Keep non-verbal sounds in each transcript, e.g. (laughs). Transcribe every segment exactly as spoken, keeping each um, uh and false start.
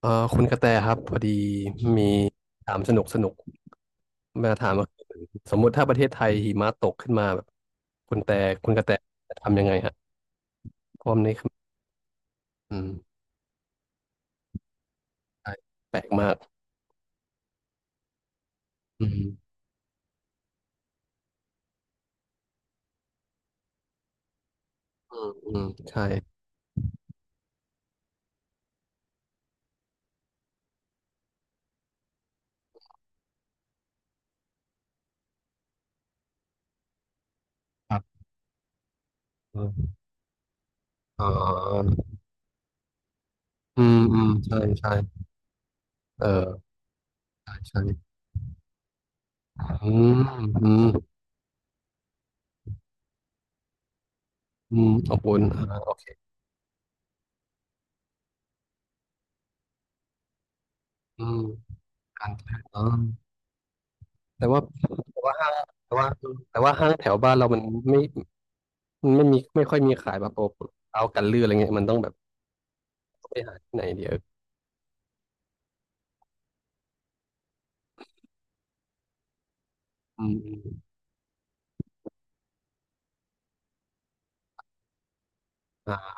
เอ่อคุณกระแตครับพอดีมีถามสนุกสนุกมาถามว่าสมมุติถ้าประเทศไทยหิมะตกขึ้นมาแบบคุณแต่คุณกระแตจะทำยังไงฮะเพราะว่ามันนี่คืออืมใช่แปลกมากอืมอืมอืมใช่ครับเอออ่าอืมอืมใช่ใช่เออใช่ใช่อืมอืมอืมอบอุ่นอ่าโอเคอืมการแพทย์อ๋อแต่ว่าแต่ว่าห้างแต่ว่าแต่ว่าห้างแถวบ้านเรามันไม่ มันไม่มีไม่ค่อยมีขายแบบโอ้เอากันลื่นอะไรเงี้ยมันต้องแบบไปหาที่ไหนเดียวอืมอืมอ่า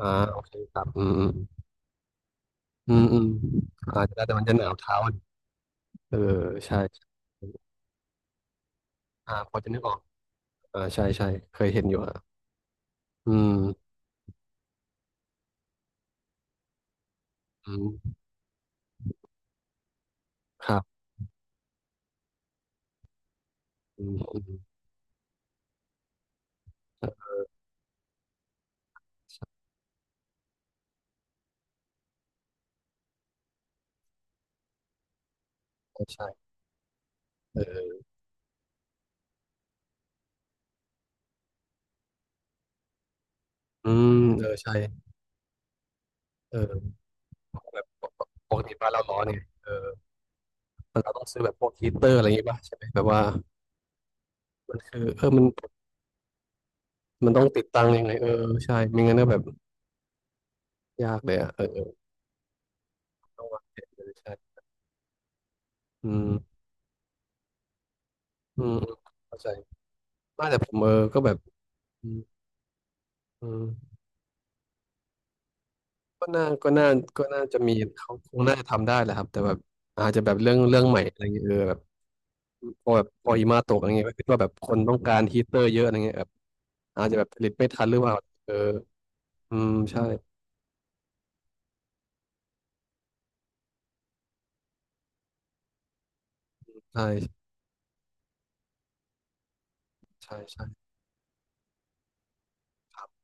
อ่าโอเคครับอืมอืมอืมอืมอาจจะแต่มันจะหนาวเท้าอะเออใช่อ่าพอจะนึกออกอ่าใช่ใช่ เคยเห็นอยู่อ่ะอืมอืมครับอืมอืมเออใช่เอออืมเออใช่เออแบบปกติบ้านเราร้อนไงเออมันเราต้องซื้อแบบพวกฮีตเตอร์อะไรอย่างงี้ป่ะใช่ไหมแบบว่ามันคือเออมันมันต้องติดตั้งยังไงเออใช่ไม่งั้นก็แบบ ยากเลยอ่ะเออเออต้องวางแผนเลยใช่อืมอืมเข้าใจไม่าแต่ผมเออก็แบบอืมอืมก็น่าก็น่าก็น่าจะมีเขาคงน่าจะทำได้แหละครับ แต่แบบอาจจะแบบเรื่อง เรื่องใหม่อะไรเงี้ยเออแบบพอแบบพอหิมะตกอะไรเงี้ยก็คิดว่าแบบคนต้องการฮีตเตอร์เยอะอะไรเงี้ยแบบอาจจะแบบผลิตไม่ทันหรือเปล่าเอออืมใช่ใช่ใช่ใช่ครับ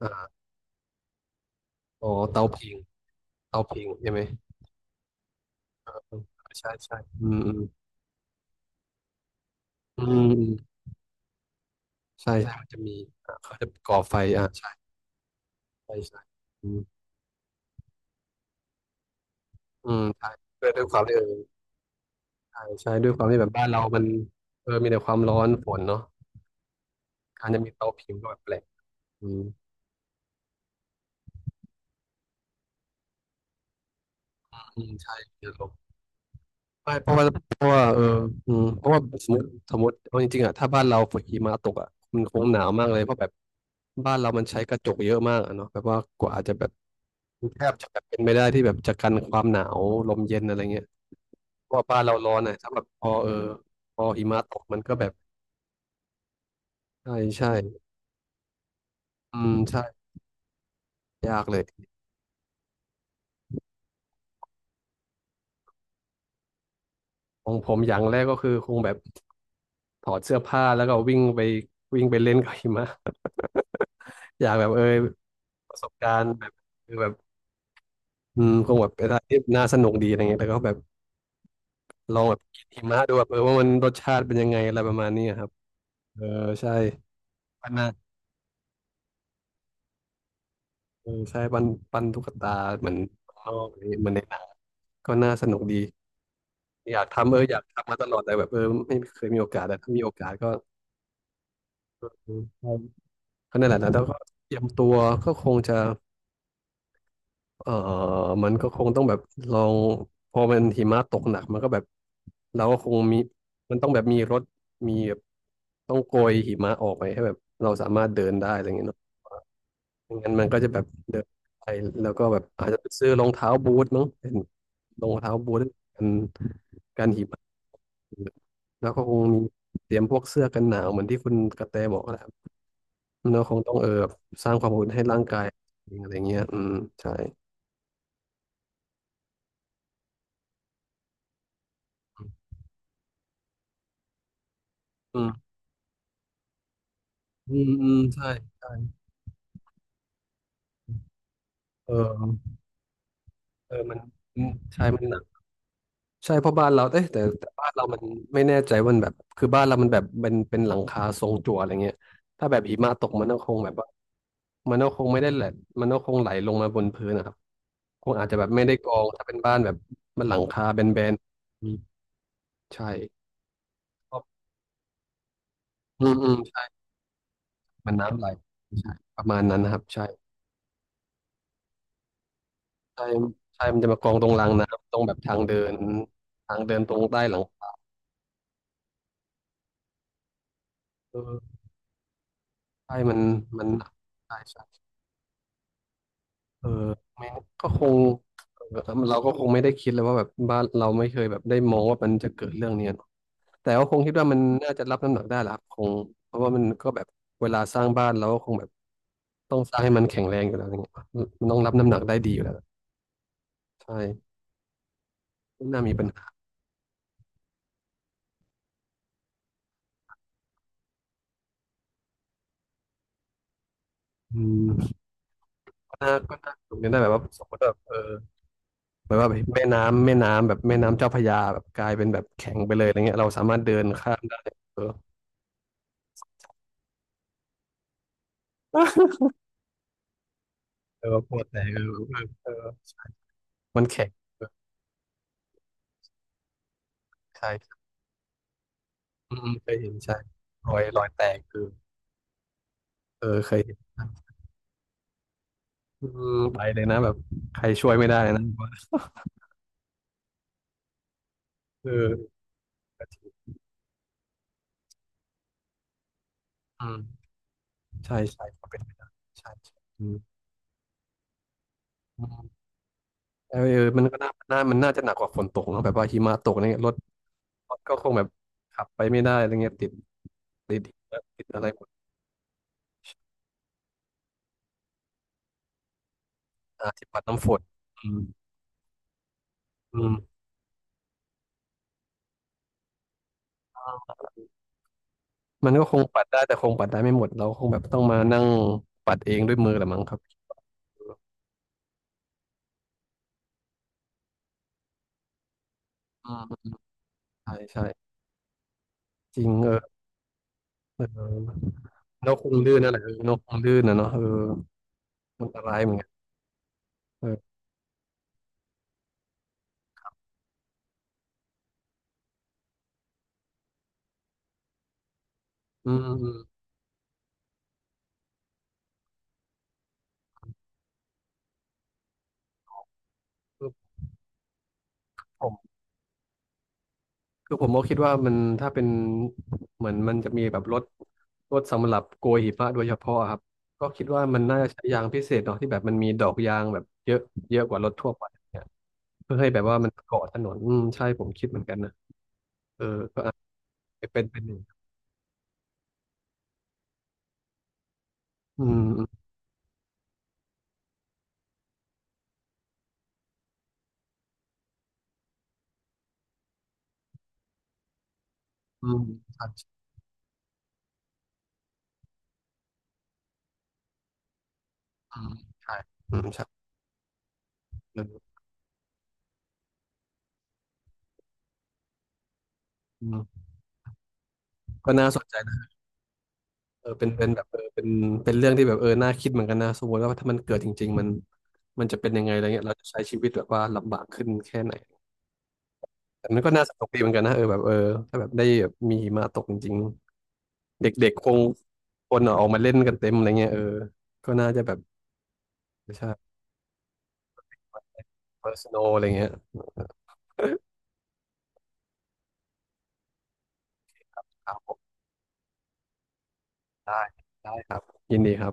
อ่าอ๋อเตาผิงเตาผิงใช่ไหมใช่ใช่อืมอืมอืม ใช่ใช่มันจะมีอ่าเขาจะก่อไฟอ่าใช่ใช่ใช่อืมอืมใช่ด้วยด้วยความที่เออใช่ใช่ด้วยความที่แบบบ้านเรามันเออมีแต่ความร้อนฝนเนาะการจะมีเตาผิงก็แบบแปลกอืมอืมใช่เดี๋ยวลงไม่เพราะว่าเพราะว่าเอออืมเพราะว่าสมมติสมมติเอาจริงๆอ่ะถ้าบ้านเราฝนหิมะตกอ่ะมันคงหนาวมากเลยเพราะแบบบ้านเรามันใช้กระจกเยอะมากอะเนาะแบบว่ากว่าจะแบบแทบจะแบบเป็นไม่ได้ที่แบบจะกันความหนาวลมเย็นอะไรเงี้ย ก็บ้านเราร้อนอ่ะถ้าแบบพอเออพอหิมะตกมันก็แบบใช่ใช่อืมใช่ยากเลยของผมอย่างแรกก็คือคงแบบถอดเสื้อผ้าแล้วก็วิ่งไปวิ่งไปเล่นกับหิมะ (laughs) อยากแบบเออประสบการณ์แบบคือแบบอืมคงแบบเป็นอะไรที่น่าสนุกดีอะไรเงี้ยแล้วก็แบบลองแบบกินหิมะดูแบบเออว่ามันรสชาติเป็นยังไงอะไรประมาณนี้ครับเออใช่ปั้นนะเออใช่ปั้นปั้นตุ๊กตาเหมือนข้างนอกอะไรอย่างเงี้ยเหมือนในหนังก็น่าสนุกดี อยากทำเอออยากทำมาตลอดแต่แบบเออไม่เคยมีโอกาสแต่ถ้ามีโอกาสก็อืมใช่ก็นั่นแหละนะแล้วก็เตรียมตัวก็คงจะเออมันก็คงต้องแบบลองพอมันหิมะตกหนักมันก็แบบเราก็คงมีมันต้องแบบมีรถมีแบบต้องโกยหิมะออกไปให้แบบเราสามารถเดินได้อะไรอย่างเงี้ยเนาะไม่งั้นมันก็จะแบบเดินไปแล้วก็แบบอาจจะไปซื้อรองเท้าบูทมั้งเป็นรองเท้าบูทกันกันหิมะ แล้วก็คงมีเตรียมพวกเสื้อกันหนาวเหมือนที่คุณกระแตบอกแหละเราคงต้องเออแบบสร้างความอุ่นให้ร่างกายเองอะไรเงี้ยอืมใช่อืมอืมอืมใช่ใช่เออเออมันอืมใช่มันหนักใช่เพราะบ้านเราเอ๊ะแต่แต่บ้านเรามันไม่แน่ใจว่ามันแบบคือบ้านเรามันแบบเป็นเป็นหลังคาทรงจั่วอะไรเงี้ยถ้าแบบหิมะตกมันก็คงแบบว่ามันก็คงไม่ได้แหละมันก็คงไหลลงมาบนพื้นนะครับคงอาจจะแบบไม่ได้กองถ้าเป็นบ้านแบบมันหลังคาแบนๆอืมใช่ อืมอืมใช่มันน้ำไหลใช่ประมาณนั้นนะครับใช่ใช่ใช่ มันจะมากองตรงรางน้ำตรงแบบทางเดินทางเดินตรงใต้หลังคาเออใช่มันมันใช่ใช่เออไม่ก็คงเออเราก็คงไม่ได้คิดเลยว่าแบบบ้านเราไม่เคยแบบได้มองว่ามันจะเกิดเรื่องเนี้ยเนอะแต่ก็คงคิดว่ามันน่าจะรับน้ำหนักได้แหละครับคงเพราะว่ามันก็แบบเวลาสร้างบ้านเราก็คงแบบต้องสร้างให้มันแข็งแรงอยู่แล้วอะไรเงี้ยมันต้องรับน้ำหนักได้ดีอยู่แล้วใช่ไม่น่ามีปัญหาอืม น่าก็น่าสนุกนะแต่แบบว่าสมมติแบบเออเหมือนว่าแบบแม่น้ำแม่น้ำแบบแม่น้ำเจ้าพระยาแบบกลายเป็นแบบแข็งไปเลยอะไรเงี้ยเราสามารถเดินข้ามได้เออเออปวดแต่เออเออเออมันแข็งเออใช่อืมเคยเห็นใช่รอยรอยแตกคือเออเคยเห็นอืมไปเลยนะแบบใครช่วยไม่ได้นะเอออืมใช่ใช่ก็เป็นไปได้ใช่ใช่อืมเออเออมันก็น่าน่ามันน่าจะหนักกว่าฝนตกเนอะแบบว่าหิมะตกเนี่ยรถ ก็คงแบบขับไปไม่ได้อะไรเงี้ยติดติดติดอะไรหมดอ่าที่ปัดน้ำฝนอืมอืมมันก็คงปัดได้แต่คงปัดได้ไม่หมดเราคงแบบต้องมานั่งปัดเองด้วยมือแหละมั้งครับอืมใช่ใช่จริงเออเออนกคงลื่นนั่นแหละเออนกคงลื่นนะเนาะเออันอันตรายเหมือนกันเอออืมอืม คือผมก็คิดว่ามันถ้าเป็นเหมือนมันจะมีแบบรถรถสำหรับโกยหิมะโดยเฉพาะครับก็คิดว่ามันน่าจะใช้ยางพิเศษเนาะที่แบบมันมีดอกยางแบบเยอะเยอะกว่ารถทั่วไปเนี่ยเพื่อให้แบบว่ามันเกาะถนนอืมใช่ผมคิดเหมือนกันนะเออก็อาจจะเป็นเป็นหนึ่งอืมอืมอืมใช่อืมใช่อืมใช่เอออืมก็น่าสนใจนะเออเป็นเป็นแบบเออเป็นเป็นเรื่องที่แบบเออน่าคิดเหมือนกันนะสมมติว่าถ้ามันเกิดจริงๆมันมันจะเป็นยังไงอะไรเงี้ยเราจะใช้ชีวิตแบบว่าลำบากขึ้นแค่ไหน แต่มันก็น่าสนุกดีเหมือนกันนะเออแบบเออถ้าแบบได้แบบมีหิมะตกจริงๆเด็กๆคงคนอะออกมาเล่นกันเต็มอะไรเงี้ยเออก็น่าจะแบบใช่ เพอร์ซันนอล อะไรเงี้ย (laughs) ครับผมได้ได้ครับยินดีครับ